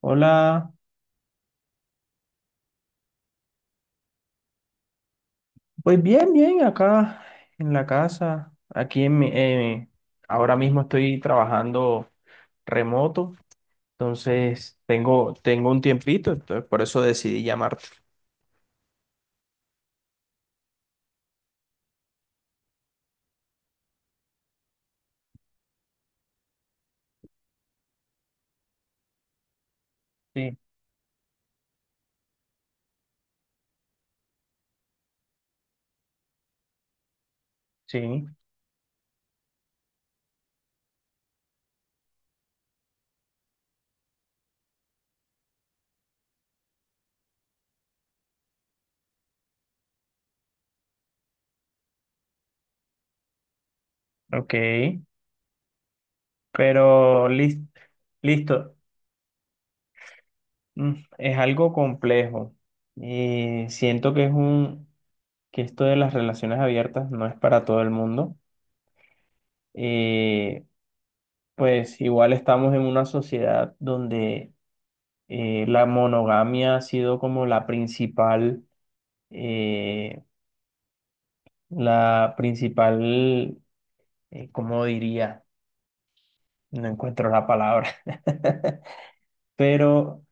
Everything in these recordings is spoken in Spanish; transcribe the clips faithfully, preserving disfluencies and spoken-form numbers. Hola, pues bien, bien, acá en la casa, aquí en mi, eh, ahora mismo estoy trabajando remoto. Entonces tengo, tengo un tiempito, entonces por eso decidí llamarte. Sí, sí, ok, pero lis- listo. Mm, es algo complejo y siento que es un, que esto de las relaciones abiertas no es para todo el mundo. Eh, pues igual estamos en una sociedad donde eh, la monogamia ha sido como la principal, eh, la principal, eh, ¿cómo diría? No encuentro la palabra. Pero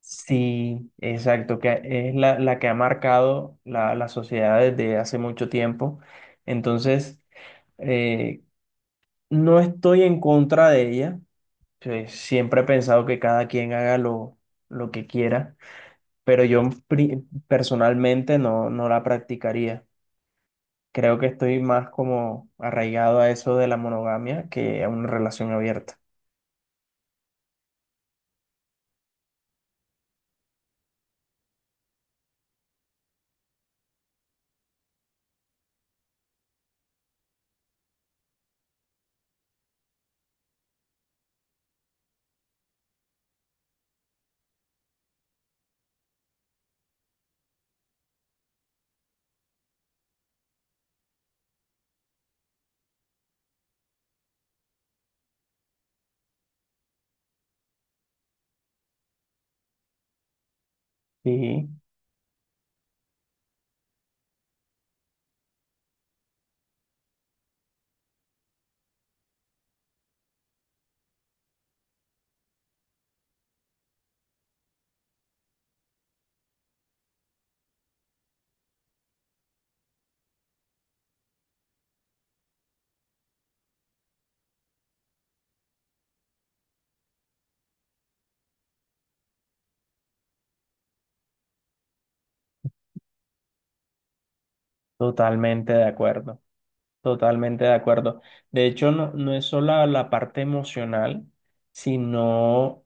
sí, exacto, que es la, la que ha marcado la, la sociedad desde hace mucho tiempo. Entonces, eh, no estoy en contra de ella. Pues, siempre he pensado que cada quien haga lo, lo que quiera, pero yo pri- personalmente no, no la practicaría. Creo que estoy más como arraigado a eso de la monogamia que a una relación abierta. Sí, totalmente de acuerdo, totalmente de acuerdo. De hecho, no, no es solo la, la parte emocional, sino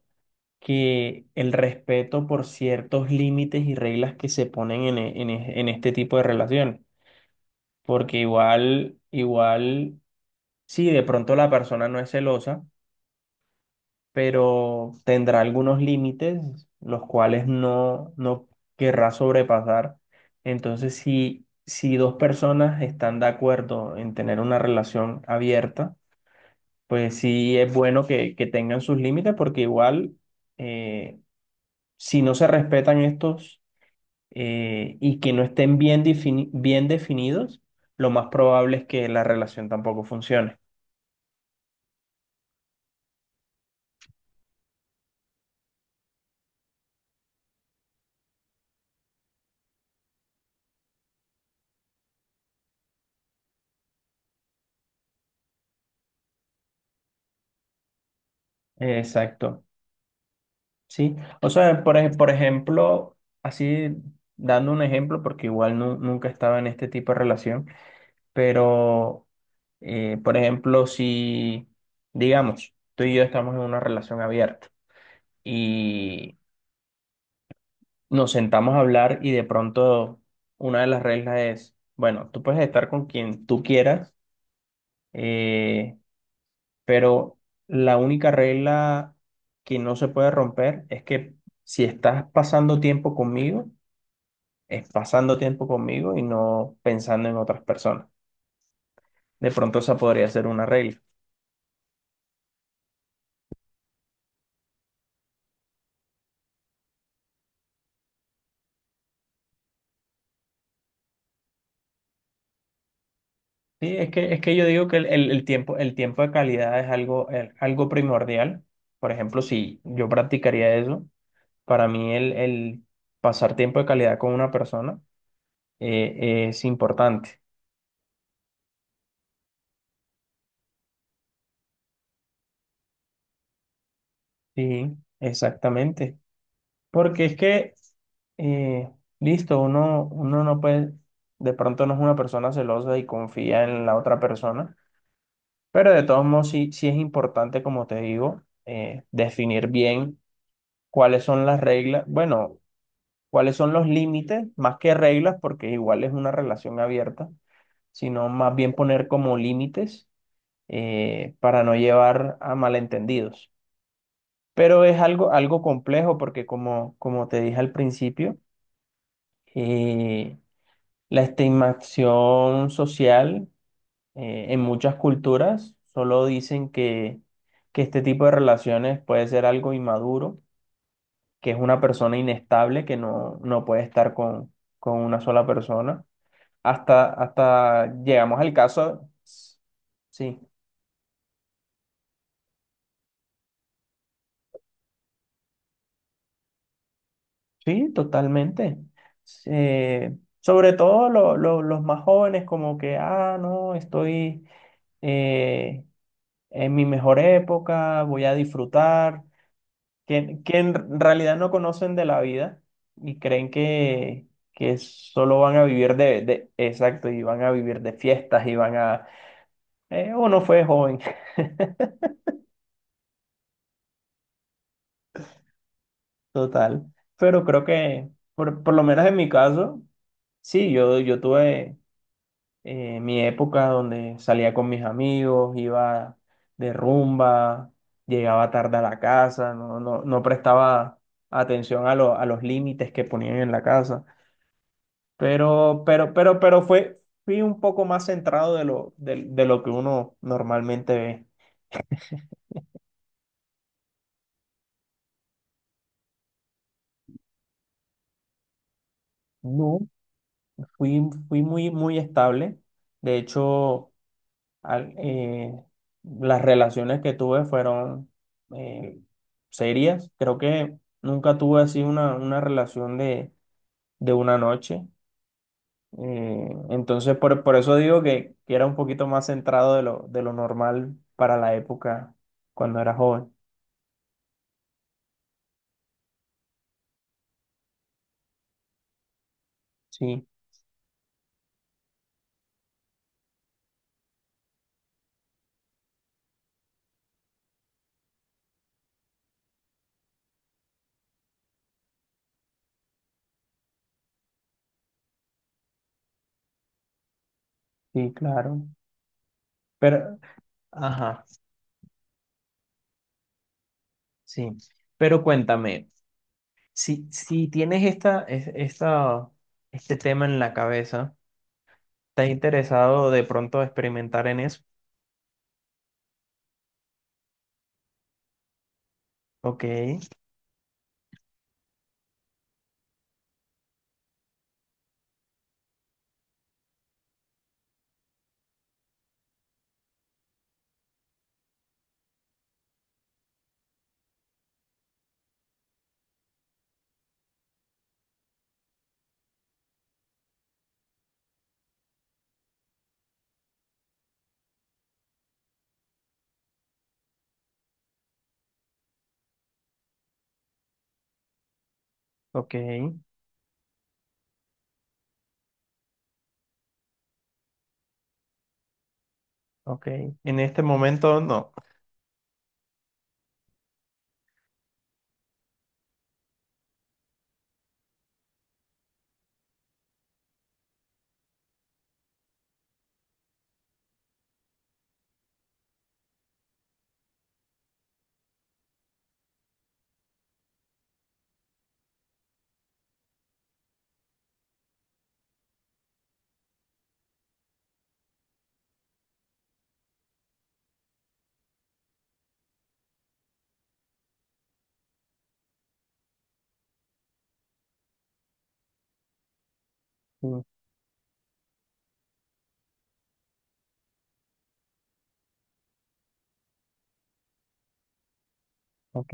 que el respeto por ciertos límites y reglas que se ponen en, e- en e- en este tipo de relaciones. Porque igual, igual, sí, de pronto la persona no es celosa, pero tendrá algunos límites los cuales no, no querrá sobrepasar. Entonces, si, si dos personas están de acuerdo en tener una relación abierta, pues sí es bueno que, que tengan sus límites, porque igual eh, si no se respetan estos, eh, y que no estén bien, defini- bien definidos, lo más probable es que la relación tampoco funcione. Exacto. Sí, o sea, por, ej- por ejemplo, así dando un ejemplo, porque igual nu- nunca estaba en este tipo de relación, pero, eh, por ejemplo, si, digamos, tú y yo estamos en una relación abierta y nos sentamos a hablar, y de pronto una de las reglas es, bueno, tú puedes estar con quien tú quieras, eh, pero la única regla que no se puede romper es que si estás pasando tiempo conmigo, es pasando tiempo conmigo y no pensando en otras personas. De pronto esa podría ser una regla. Sí, es que, es que yo digo que el, el- el tiempo, el tiempo de calidad es algo, el- algo primordial. Por ejemplo, si yo practicaría eso, para mí el, el pasar tiempo de calidad con una persona eh, es importante. Sí, exactamente. Porque es que, eh, listo, uno, uno no puede, de pronto no es una persona celosa y confía en la otra persona. Pero de todos modos, sí, sí es importante, como te digo, eh, definir bien cuáles son las reglas, bueno, cuáles son los límites, más que reglas, porque igual es una relación abierta, sino más bien poner como límites, eh, para no llevar a malentendidos. Pero es algo, algo complejo porque como, como te dije al principio, eh, la estimación social. Eh, en muchas culturas solo dicen que, que este tipo de relaciones puede ser algo inmaduro, que es una persona inestable, que no, no puede estar con, con una sola persona. Hasta, hasta llegamos al caso, sí, sí, totalmente. Eh, sobre todo lo- lo- los más jóvenes, como que, ah, no, estoy eh, en mi mejor época, voy a disfrutar. que, que en realidad no conocen de la vida y creen que, que solo van a vivir de, de- exacto, y van a vivir de fiestas y van a, eh, uno fue joven. Total, pero creo que, por, por lo menos en mi caso, sí, yo, yo tuve eh, mi época donde salía con mis amigos, iba de rumba, llegaba tarde a la casa, no, no, no prestaba atención a, lo- a los límites que ponían en la casa. Pero, pero, pero, pero fue, fui un poco más centrado de lo, de, de lo que uno normalmente ve. No. Fui, fui muy, muy estable. De hecho, al- eh, las relaciones que tuve fueron eh, serias. Creo que nunca tuve así una, una relación de, de una noche. Eh, entonces, por, por eso digo que, que era un poquito más centrado de lo, de lo normal para la época cuando era joven. Sí, sí, claro. Pero, ajá, sí. Pero cuéntame, si, si tienes esta, es- esta, este tema en la cabeza, ¿estás interesado de pronto experimentar en eso? Ok, ok, ok. En este momento no. Sí, ok,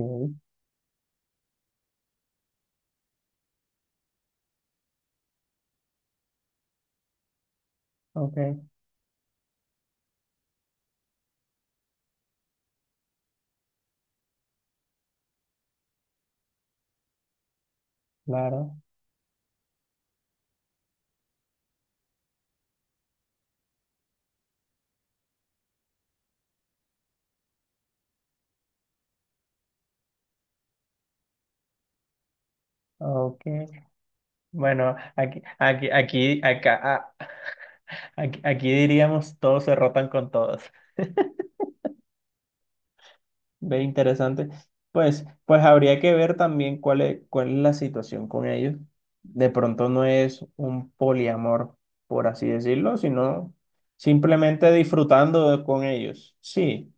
ok, claro, ok. Bueno, aquí, aquí, aquí, acá, ah, aquí, aquí diríamos todos se rotan con todos. Ve interesante. Pues, pues habría que ver también cuál es, cuál es la situación con ellos. De pronto no es un poliamor, por así decirlo, sino simplemente disfrutando de- con ellos. Sí.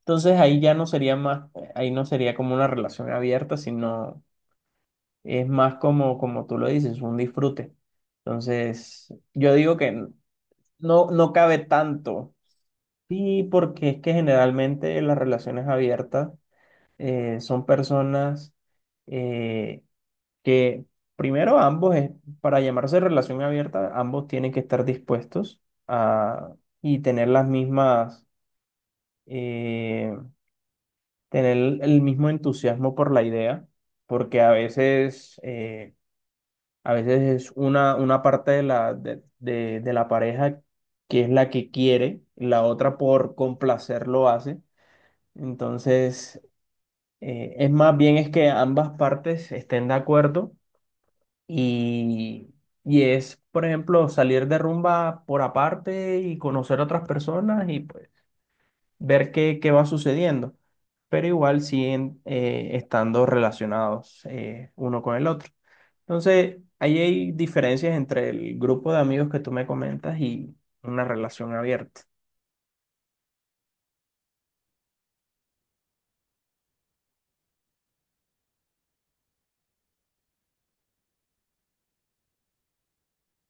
Entonces ahí ya no sería más, ahí no sería como una relación abierta, sino es más como, como tú lo dices, un disfrute. Entonces, yo digo que no, no cabe tanto. Sí, porque es que generalmente las relaciones abiertas eh, son personas eh, que primero ambos, eh, para llamarse relación abierta, ambos tienen que estar dispuestos a, y tener las mismas, eh, tener el mismo entusiasmo por la idea, porque a veces, eh, a veces es una, una parte de la, de, de de la pareja que es la que quiere, la otra por complacer lo hace. Entonces, eh, es más bien es que ambas partes estén de acuerdo y, y es, por ejemplo, salir de rumba por aparte y conocer a otras personas y pues ver qué, qué va sucediendo, pero igual siguen eh, estando relacionados, eh, uno con el otro. Entonces, ahí hay diferencias entre el grupo de amigos que tú me comentas y una relación abierta.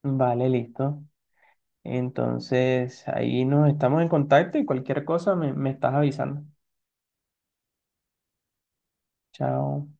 Vale, listo. Entonces, ahí nos estamos en contacto y cualquier cosa me, me estás avisando. Chao.